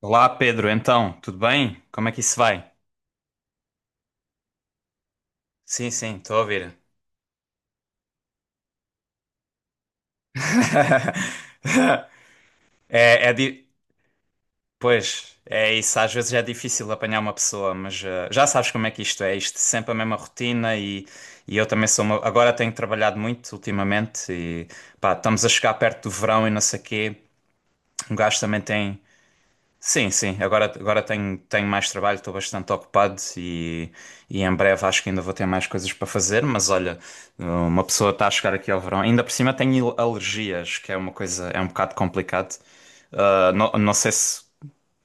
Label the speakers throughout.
Speaker 1: Olá, Pedro. Então, tudo bem? Como é que isso vai? Sim, sim, estou a ouvir. É, é di- Pois, é isso. Às vezes é difícil apanhar uma pessoa, mas já sabes como é que isto é. Isto é sempre a mesma rotina e eu também sou uma. Agora tenho trabalhado muito ultimamente e pá, estamos a chegar perto do verão e não sei quê. Um gajo também tem. Sim, sim. Agora tenho mais trabalho, estou bastante ocupado e em breve acho que ainda vou ter mais coisas para fazer. Mas olha, uma pessoa está a chegar aqui ao verão. Ainda por cima tenho alergias, que é uma coisa, é um bocado complicado. Ah, não, não sei se.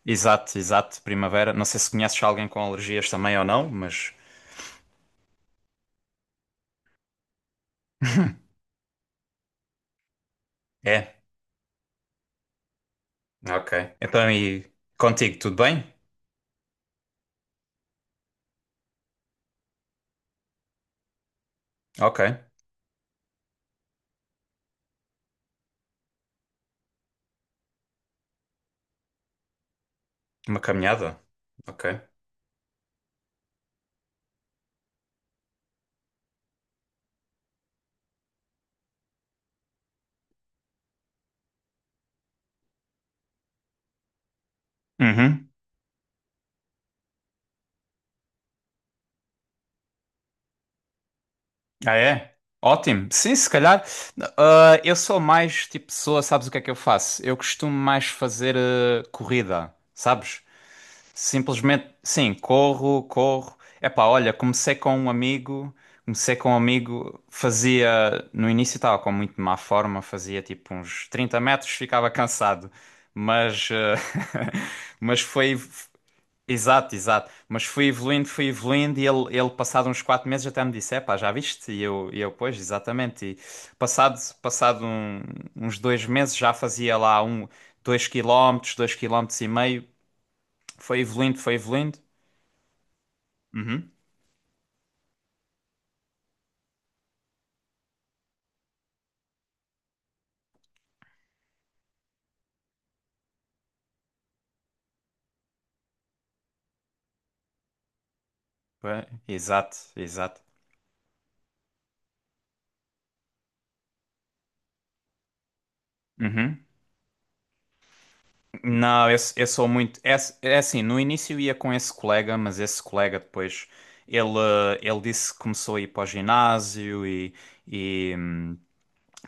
Speaker 1: Exato, exato, primavera. Não sei se conheces alguém com alergias também ou não, mas. É, ok. Então e contigo, tudo bem? Ok. Uma caminhada? Ok. Uhum. Ah, é? Ótimo. Sim, se calhar. Ah, eu sou mais tipo pessoa, sabes o que é que eu faço? Eu costumo mais fazer corrida, sabes? Simplesmente, sim, corro, corro. Epá, olha, comecei com um amigo, comecei com um amigo, fazia, no início estava com muito má forma, fazia tipo uns 30 m, ficava cansado, mas, mas foi, exato, exato. Mas fui evoluindo e ele passado uns 4 meses até me disse, epá, já viste? E eu, pois, exatamente. E passado, passado um- uns 2 meses já fazia lá um, 2 km, 2,5 km. Foi evoluindo, foi evoluindo. Uhum. Exato, exato. Uhum. Não, eu sou muito. É assim, no início eu ia com esse colega, mas esse colega depois ele disse que começou a ir para o ginásio e,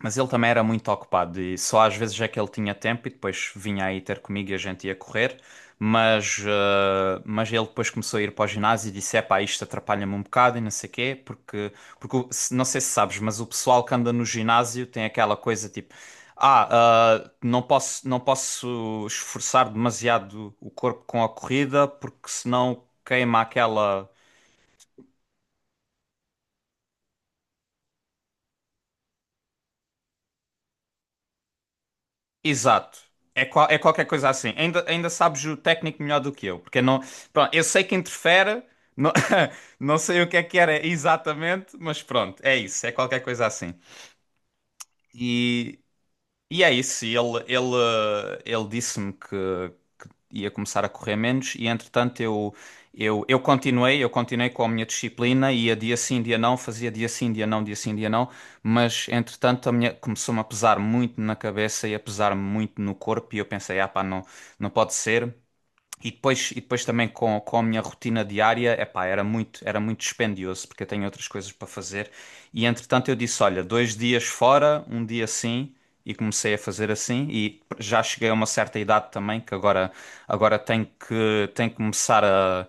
Speaker 1: mas ele também era muito ocupado e só às vezes é que ele tinha tempo e depois vinha aí ter comigo e a gente ia correr. Mas, mas ele depois começou a ir para o ginásio e disse: epá, isto atrapalha-me um bocado e não sei quê, porque, porque não sei se sabes, mas o pessoal que anda no ginásio tem aquela coisa tipo: Ah, não posso esforçar demasiado o corpo com a corrida porque senão queima aquela. Exato. É, é qualquer coisa assim. Ainda sabes o técnico melhor do que eu, porque não, pronto, eu sei que interfere, não, não sei o que é que era exatamente, mas pronto, é isso, é qualquer coisa assim. E, e é isso, e ele disse-me que ia começar a correr menos e entretanto eu continuei com a minha disciplina, ia dia sim, dia não, fazia dia sim, dia não, dia sim, dia não, mas entretanto a minha começou-me a pesar muito na cabeça e a pesar-me muito no corpo e eu pensei, ah pá, não, não pode ser. E depois também com a minha rotina diária, epá, era muito dispendioso, porque eu tenho outras coisas para fazer. E entretanto eu disse, olha, 2 dias fora, um dia sim, e comecei a fazer assim. E já cheguei a uma certa idade também, que agora, agora tenho que começar a,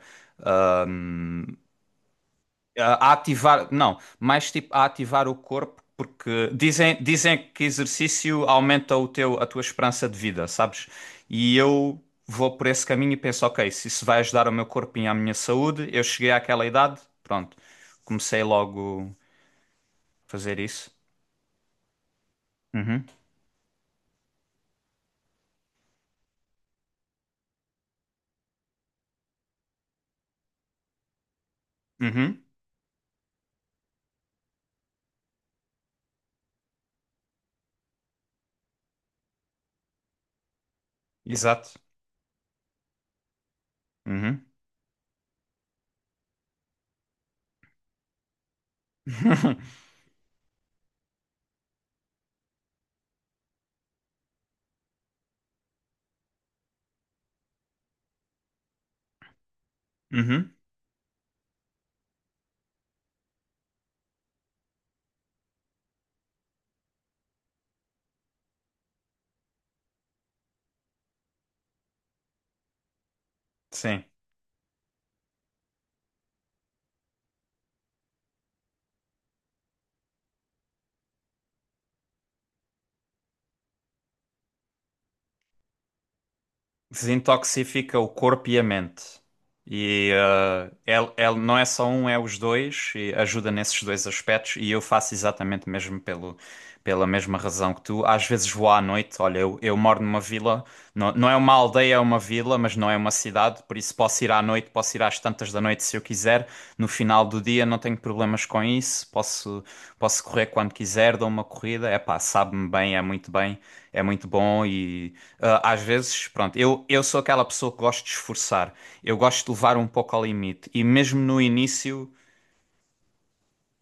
Speaker 1: a ativar, não, mais tipo a ativar o corpo, porque dizem que exercício aumenta o teu, a tua esperança de vida, sabes? E eu vou por esse caminho e penso, ok, se isso vai ajudar o meu corpinho e a minha saúde, eu cheguei àquela idade, pronto, comecei logo a fazer isso. Uhum, uhum, exato. Uhum, uhum, sim. Desintoxifica o corpo e a mente. E ele não é só um, é os dois, e ajuda nesses dois aspectos. E eu faço exatamente mesmo pelo, pela mesma razão que tu. Às vezes vou à noite, olha, eu moro numa vila, não, não é uma aldeia, é uma vila, mas não é uma cidade, por isso posso ir à noite, posso ir às tantas da noite se eu quiser. No final do dia não tenho problemas com isso, posso, posso correr quando quiser, dou uma corrida. É pá, sabe-me bem, é muito bom e. Ah, às vezes, pronto, eu sou aquela pessoa que gosto de esforçar, eu gosto de levar um pouco ao limite, e mesmo no início,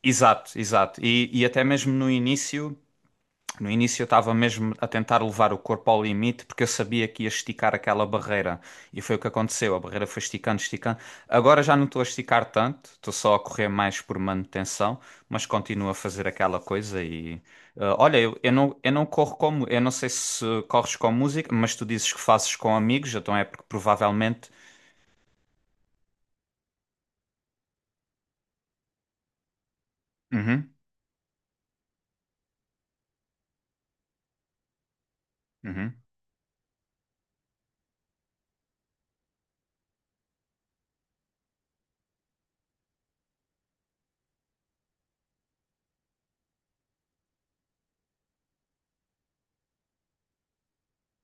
Speaker 1: exato, exato, e até mesmo no início. No início eu estava mesmo a tentar levar o corpo ao limite porque eu sabia que ia esticar aquela barreira e foi o que aconteceu. A barreira foi esticando, esticando. Agora já não estou a esticar tanto, estou só a correr mais por manutenção, mas continuo a fazer aquela coisa e olha, eu não, eu não corro como, eu não sei se corres com música, mas tu dizes que fazes com amigos, então é porque provavelmente. Uhum, uhum,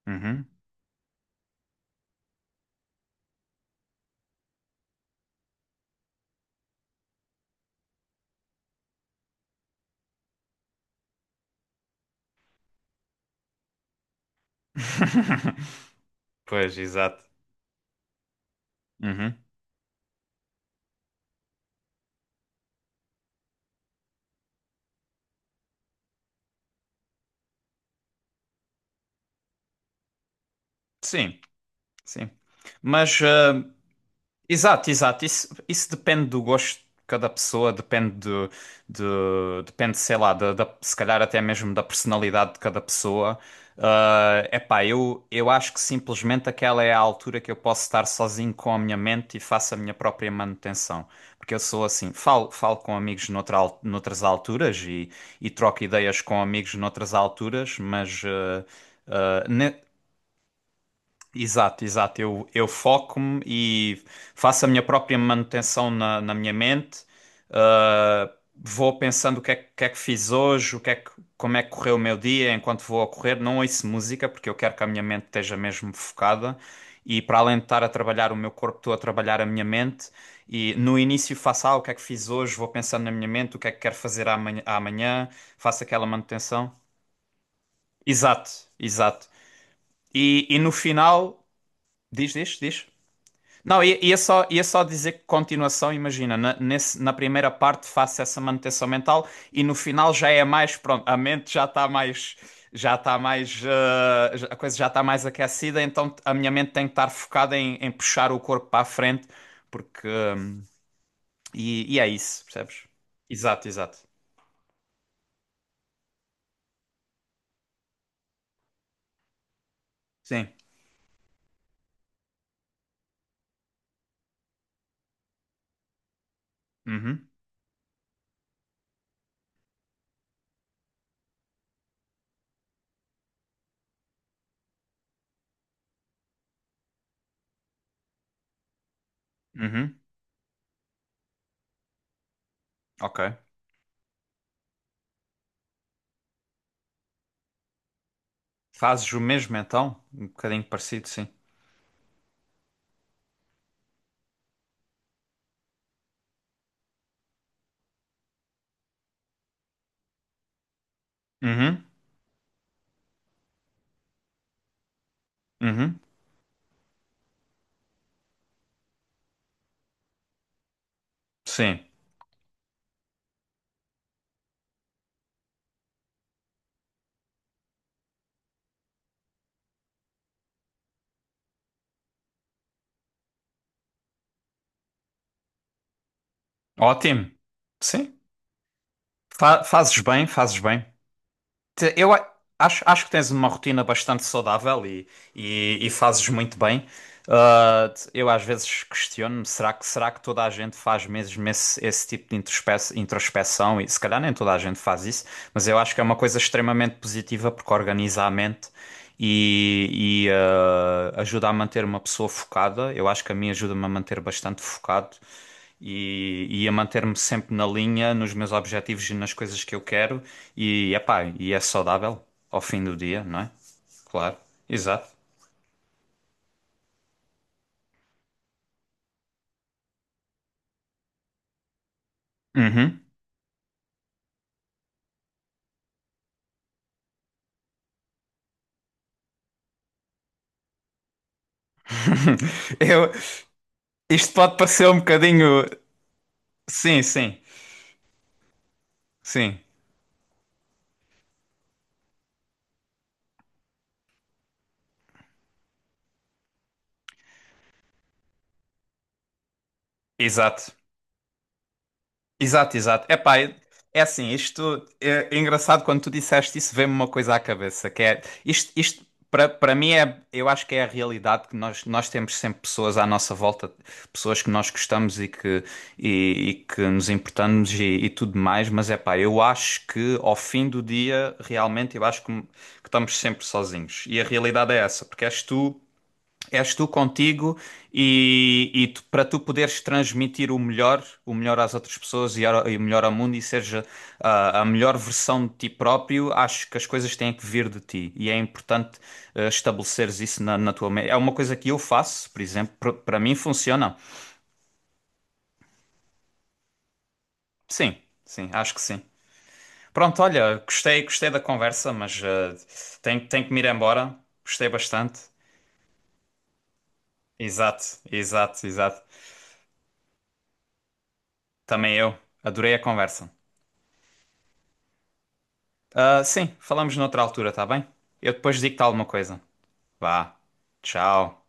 Speaker 1: uhum. Pois, exato. Uhum. Sim, sim. Mas ah, exato, exato. Isso depende do gosto de cada pessoa, depende de, depende, sei lá, se calhar até mesmo da personalidade de cada pessoa. Ah, epá, eu acho que simplesmente aquela é a altura que eu posso estar sozinho com a minha mente e faço a minha própria manutenção. Porque eu sou assim, falo com amigos noutras alturas e troco ideias com amigos noutras alturas, mas exato, exato. Eu foco-me e faço a minha própria manutenção na minha mente. Vou pensando o que é, que é que fiz hoje, o que é que, como é que correu o meu dia enquanto vou a correr. Não ouço música porque eu quero que a minha mente esteja mesmo focada. E para além de estar a trabalhar o meu corpo, estou a trabalhar a minha mente. E no início faço, ah, o que é que fiz hoje, vou pensando na minha mente, o que é que quero fazer amanhã, amanhã, faço aquela manutenção. Exato, exato. E no final, diz, diz, diz. Não, ia só dizer que continuação, imagina, na primeira parte faço essa manutenção mental e no final já é mais, pronto, a mente já está mais, a coisa já está mais aquecida, então a minha mente tem que estar focada em puxar o corpo para a frente, porque, e é isso, percebes? Exato, exato. Sim. Uhum, uhum, ok. Fazes o mesmo então? Um bocadinho parecido, sim. Uhum, uhum, sim. Ótimo. Sim. Fazes bem, fazes bem. Te- Eu a- acho que tens uma rotina bastante saudável e fazes muito bem. Ah, eu às vezes questiono-me, será que toda a gente faz mesmo esse tipo de introspeção? E se calhar nem toda a gente faz isso, mas eu acho que é uma coisa extremamente positiva porque organiza a mente e ajuda a manter uma pessoa focada. Eu acho que a mim ajuda-me a manter bastante focado e a manter-me sempre na linha, nos meus objetivos e nas coisas que eu quero. E, epá, e é saudável ao fim do dia, não é? Claro, exato. Uhum. Eu, isto pode parecer um bocadinho. Sim, sim, sim, exato. Exato, exato. Epá, é assim, isto é, engraçado quando tu disseste isso, veio-me uma coisa à cabeça, que é isto, isto para mim é, eu acho que é a realidade que nós temos sempre pessoas à nossa volta, pessoas que nós gostamos e que nos importamos e tudo mais, mas é pá, eu acho que ao fim do dia, realmente eu acho que estamos sempre sozinhos. E a realidade é essa, porque és tu. És tu contigo e para tu poderes transmitir o melhor às outras pessoas e o melhor ao mundo e seja ah, a melhor versão de ti próprio, acho que as coisas têm que vir de ti e é importante ah, estabeleceres isso na tua mente. É uma coisa que eu faço, por exemplo, para mim funciona. Sim, sim, acho que sim. Pronto, olha, gostei, gostei da conversa, mas ah, tenho que me ir embora. Gostei bastante. Exato, exato, exato. Também eu. Adorei a conversa. Ah, sim, falamos noutra altura, tá bem? Eu depois digo-te alguma coisa. Vá. Tchau.